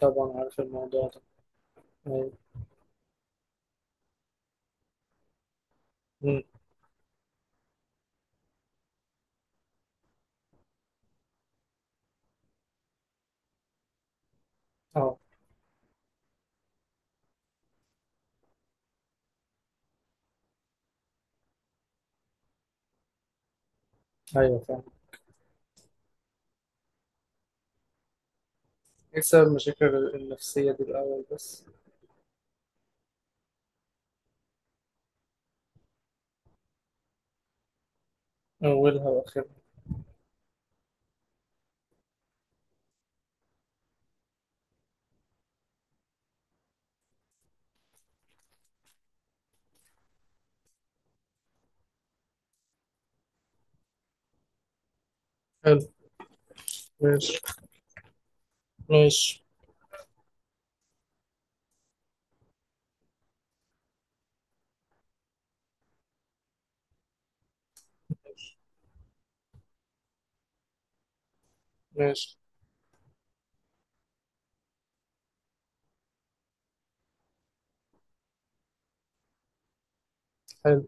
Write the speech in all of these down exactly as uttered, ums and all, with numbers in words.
طبعا عارف الموضوع ده. أيوة. مم. اه. أيوه فاهم. إيه سبب المشاكل النفسية دي الأول بس؟ أولها وآخرها. حلو. ماشي. ماشي. ماشي. حلو.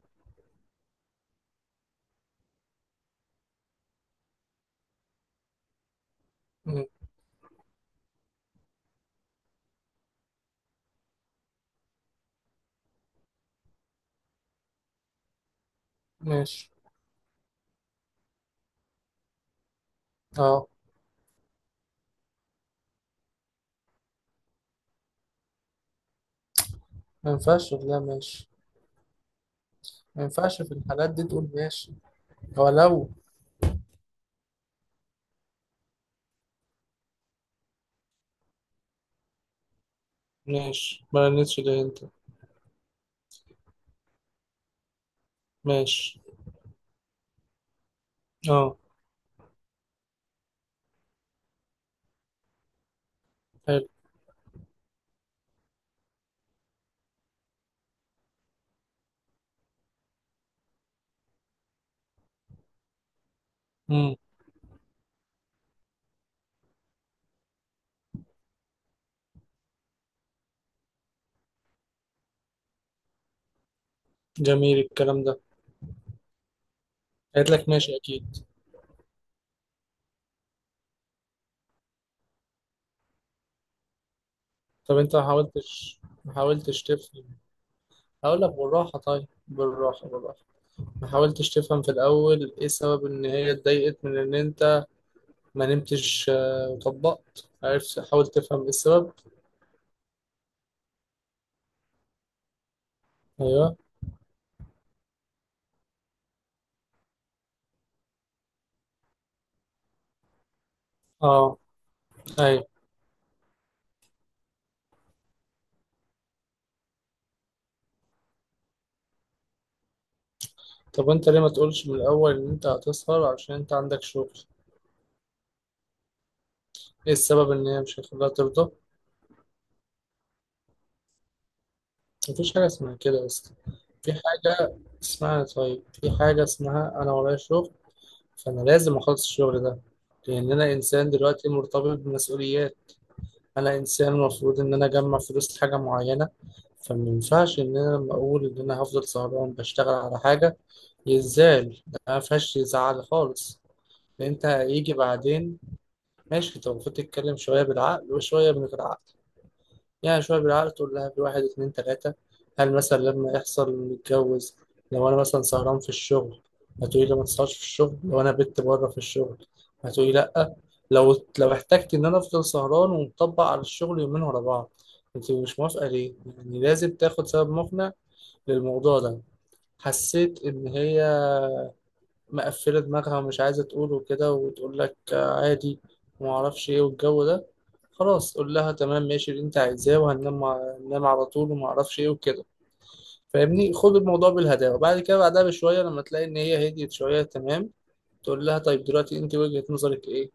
مم. ماشي. اه. ما ينفعش تقول لا ماشي. ما ينفعش في الحالات دي تقول ماشي. هو لو. ماشي. ما رنتش ليه أنت؟ ماشي. اه. حلو. مم. جميل الكلام ده. قالت لك ماشي أكيد. طب أنت ما حاولتش ما حاولتش تفهم؟ هقول لك بالراحة، طيب بالراحة بالراحة. ما حاولتش تفهم في الأول إيه سبب إن هي اتضايقت من إن أنت ما نمتش آه، وطبقت؟ عرفت، حاول تفهم إيه السبب. أيوه. أه. أيوه. طب أنت ليه ما تقولش من الأول إن أنت هتسهر عشان أنت عندك شغل؟ إيه السبب إن هي مش هتخليها ترضى؟ مفيش حاجة اسمها كده أصلا. في حاجة اسمها، طيب، في حاجة اسمها أنا ورايا شغل، فأنا لازم أخلص الشغل ده، لأن أنا إنسان دلوقتي مرتبط بمسؤوليات. انا انسان المفروض ان انا اجمع فلوس لحاجه معينه، فما ينفعش ان انا لما اقول ان انا هفضل سهران بشتغل على حاجه يزعل. ده ما فيهاش يزعل خالص، لان انت هيجي بعدين. ماشي، انت المفروض تتكلم شويه بالعقل وشويه من غير عقل. يعني شوية بالعقل، تقول لها بواحد اتنين تلاتة، هل مثلا لما يحصل نتجوز لو أنا مثلا سهران في الشغل هتقولي لي ما تسهرش في الشغل؟ لو أنا بت بره في الشغل هتقولي لأ؟ لو لو احتجت إن أنا أفضل سهران ومطبق على الشغل يومين ورا بعض، أنت مش موافقة ليه؟ يعني لازم تاخد سبب مقنع للموضوع ده. حسيت إن هي مقفلة دماغها ومش عايزة تقول وكده، وتقول لك آه، عادي وما اعرفش ايه والجو ده. خلاص قول لها تمام، ماشي اللي انت عايزاه، وهننام مع- ننام على طول وما اعرفش ايه وكده. فاهمني؟ خد الموضوع بالهداوة، بعد كده بعدها بشوية لما تلاقي ان هي هديت شوية تمام، تقول لها طيب دلوقتي انت وجهة نظرك ايه؟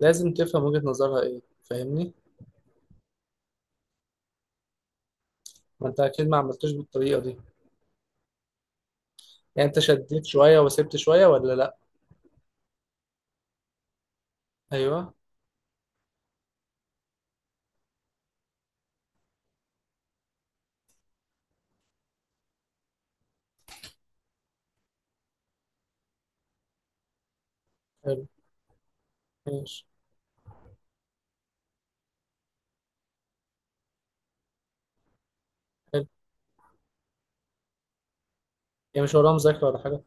لازم تفهم وجهة نظرها ايه. فاهمني؟ ما انت اكيد ما عملتوش بالطريقة دي. يعني انت شديت شوية وسبت شوية ولا لا؟ ايوه. حلو. ماشي. حلو. يعني مش وراها مذاكرة ولا حاجة؟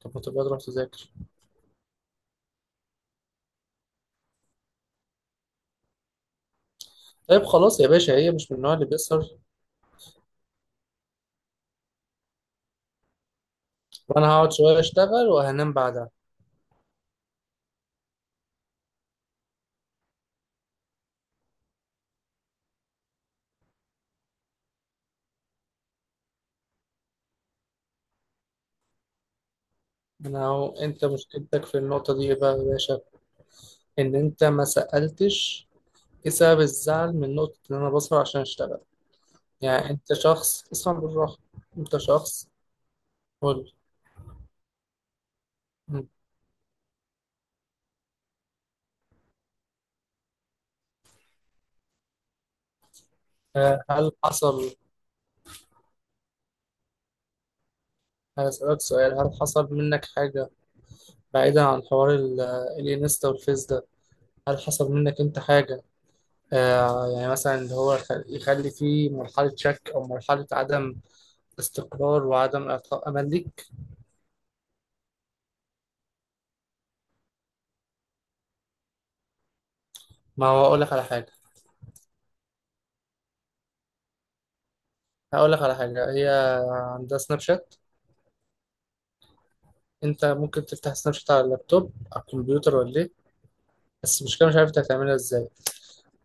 طب ما تبقى تروح تذاكر. طيب خلاص يا باشا، هي مش من النوع اللي بيسهر. وانا هقعد شويه اشتغل وهنام بعدها. انا، هو انت مشكلتك في النقطه دي إيه بقى يا باشا؟ ان انت ما سالتش ايه سبب الزعل من نقطه ان انا بسهر عشان اشتغل. يعني انت شخص، اسمع بالراحه، انت شخص. قول لي، آه، هل حصل؟ هسألك سؤال، هل حصل منك حاجه بعيدا عن حوار ال- الانستا والفيس ده؟ هل حصل منك انت حاجه آه، يعني مثلا اللي هو يخ- يخلي فيه مرحله شك او مرحله عدم استقرار وعدم إعطاء أمل ليك؟ ما هو أقول لك على حاجة، هقول لك على حاجة. هي عندها سناب شات، أنت ممكن تفتح سناب شات على اللابتوب على الكمبيوتر ولا إيه؟ بس المشكلة مش عارف أنت هتعملها إزاي.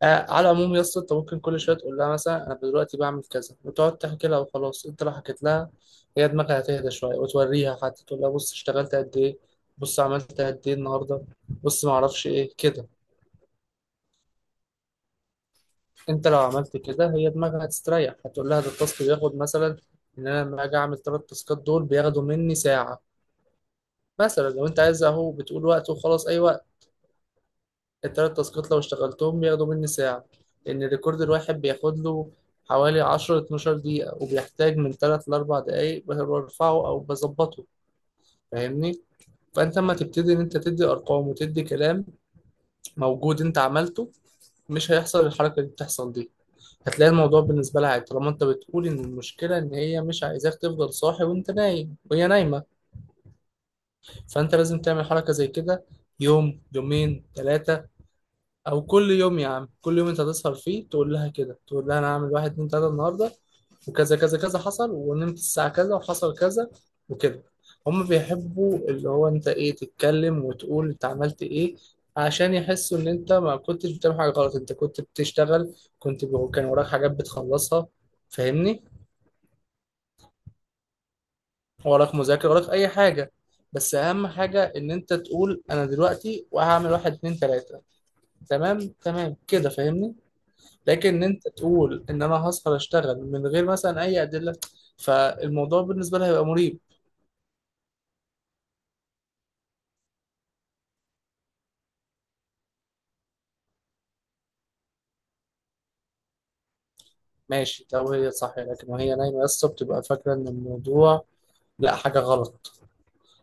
آه على العموم يا اسطى، أنت ممكن كل شوية تقول لها مثلا أنا دلوقتي بعمل كذا، وتقعد تحكي لها وخلاص. أنت لو حكيت لها، هي دماغها هتهدى شوية. وتوريها حتى، تقول لها بص اشتغلت قد إيه، بص عملت قد إيه النهاردة، بص معرفش إيه كده. انت لو عملت كده هي دماغك هتستريح. هتقول لها ده التاسك بياخد مثلا، ان انا لما اجي اعمل ثلاث تاسكات دول بياخدوا مني ساعه. مثلا لو انت عايز اهو، بتقول وقت وخلاص اي وقت. الثلاث تاسكات لو اشتغلتهم بياخدوا مني ساعه، لان الريكورد الواحد بياخد له حوالي عشرة اتناشر دقيقه، وبيحتاج من ثلاث ل أربع دقائق برفعه او بظبطه. فاهمني؟ فانت لما تبتدي ان انت تدي ارقام وتدي كلام موجود انت عملته، مش هيحصل الحركه اللي بتحصل دي. هتلاقي الموضوع بالنسبة لها عادي، طالما انت بتقول ان المشكلة ان هي مش عايزاك تفضل صاحي وانت نايم وهي نايمة. فانت لازم تعمل حركة زي كده يوم يومين ثلاثة، او كل يوم يا عم، كل يوم انت هتسهر فيه تقول لها كده، تقول لها انا هعمل واحد اتنين تلاتة النهاردة، وكذا كذا كذا حصل، ونمت الساعة كذا، وحصل كذا وكده. هم بيحبوا اللي هو انت ايه، تتكلم وتقول انت عملت ايه، عشان يحسوا ان انت ما كنتش بتعمل حاجة غلط، انت كنت بتشتغل، كنت بي- كان وراك حاجات بتخلصها. فاهمني؟ وراك مذاكرة، وراك أي حاجة، بس أهم حاجة إن أنت تقول أنا دلوقتي وهعمل واحد اتنين تلاتة. تمام تمام كده، فاهمني؟ لكن إن أنت تقول إن أنا هسهر أشتغل من غير مثلا أي أدلة، فالموضوع بالنسبة لها هيبقى مريب. ماشي لو هي صح، لكن وهي نايمة يا اسطى بتبقى فاكرة إن الموضوع لا، حاجة غلط.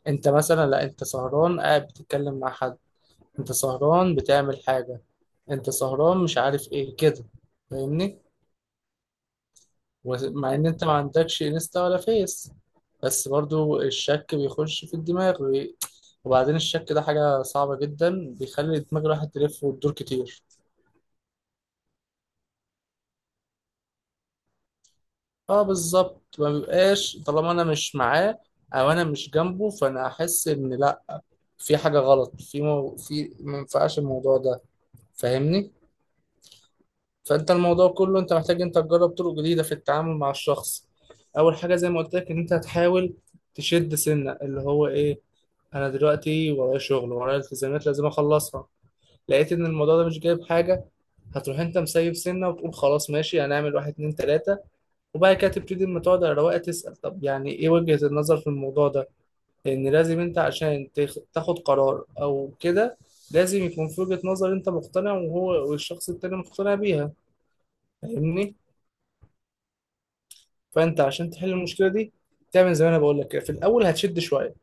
أنت مثلا، لا أنت سهران قاعد بتتكلم مع حد، أنت سهران بتعمل حاجة، أنت سهران مش عارف إيه كده. فاهمني؟ ومع ان انت ما عندكش انستا ولا فيس، بس برضو الشك بيخش في الدماغ وي- وبعدين الشك ده حاجة صعبة جدا، بيخلي دماغ الواحد تلف وتدور كتير. اه بالظبط، ما بيبقاش طالما انا مش معاه او انا مش جنبه، فانا احس ان لا، في حاجة غلط في مو في ما ينفعش الموضوع ده. فاهمني؟ فانت الموضوع كله، انت محتاج انت تجرب طرق جديدة في التعامل مع الشخص. اول حاجة زي ما قلت لك، ان انت هتحاول تشد سنة اللي هو ايه، انا دلوقتي ورايا شغل ورايا التزامات لازم اخلصها. لقيت ان الموضوع ده مش جايب حاجه، هتروح انت مسيب سنه وتقول خلاص ماشي، هنعمل واحد اتنين تلاته. وبعد كده تبتدي لما تقعد على رواقه تسال، طب يعني ايه وجهه النظر في الموضوع ده؟ لان لازم انت عشان تخ- تاخد قرار او كده، لازم يكون في وجهه نظر انت مقتنع وهو والشخص التاني مقتنع بيها. فاهمني؟ فانت عشان تحل المشكله دي، تعمل زي ما انا بقول لك كده، في الاول هتشد شويه،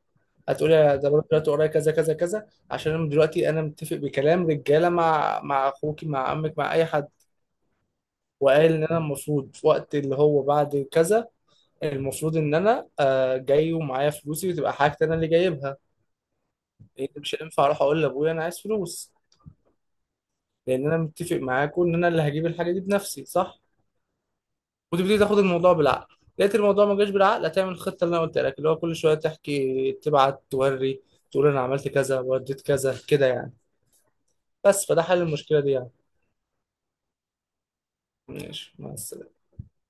هتقولي يا ده بروح دلوقتي ورايا كذا كذا كذا عشان انا دلوقتي، انا متفق بكلام رجاله مع مع اخوكي مع عمك مع اي حد. وقال ان انا المفروض في وقت اللي هو بعد كذا، المفروض ان انا آه، جاي ومعايا فلوسي وتبقى حاجتي انا اللي جايبها. لان مش هينفع اروح اقول لابويا انا عايز فلوس، لان انا متفق معاكم ان انا اللي هجيب الحاجه دي بنفسي، صح؟ وتبتدي تاخد الموضوع بالعقل، لقيت الموضوع ما جاش بالعقل، هتعمل الخطه اللي انا قلت لك، اللي هو كل شويه تحكي تبعت توري، تقول انا عملت كذا وديت كذا كده، يعني. بس، فده حل المشكله دي يعني. ماشي، مع السلامة.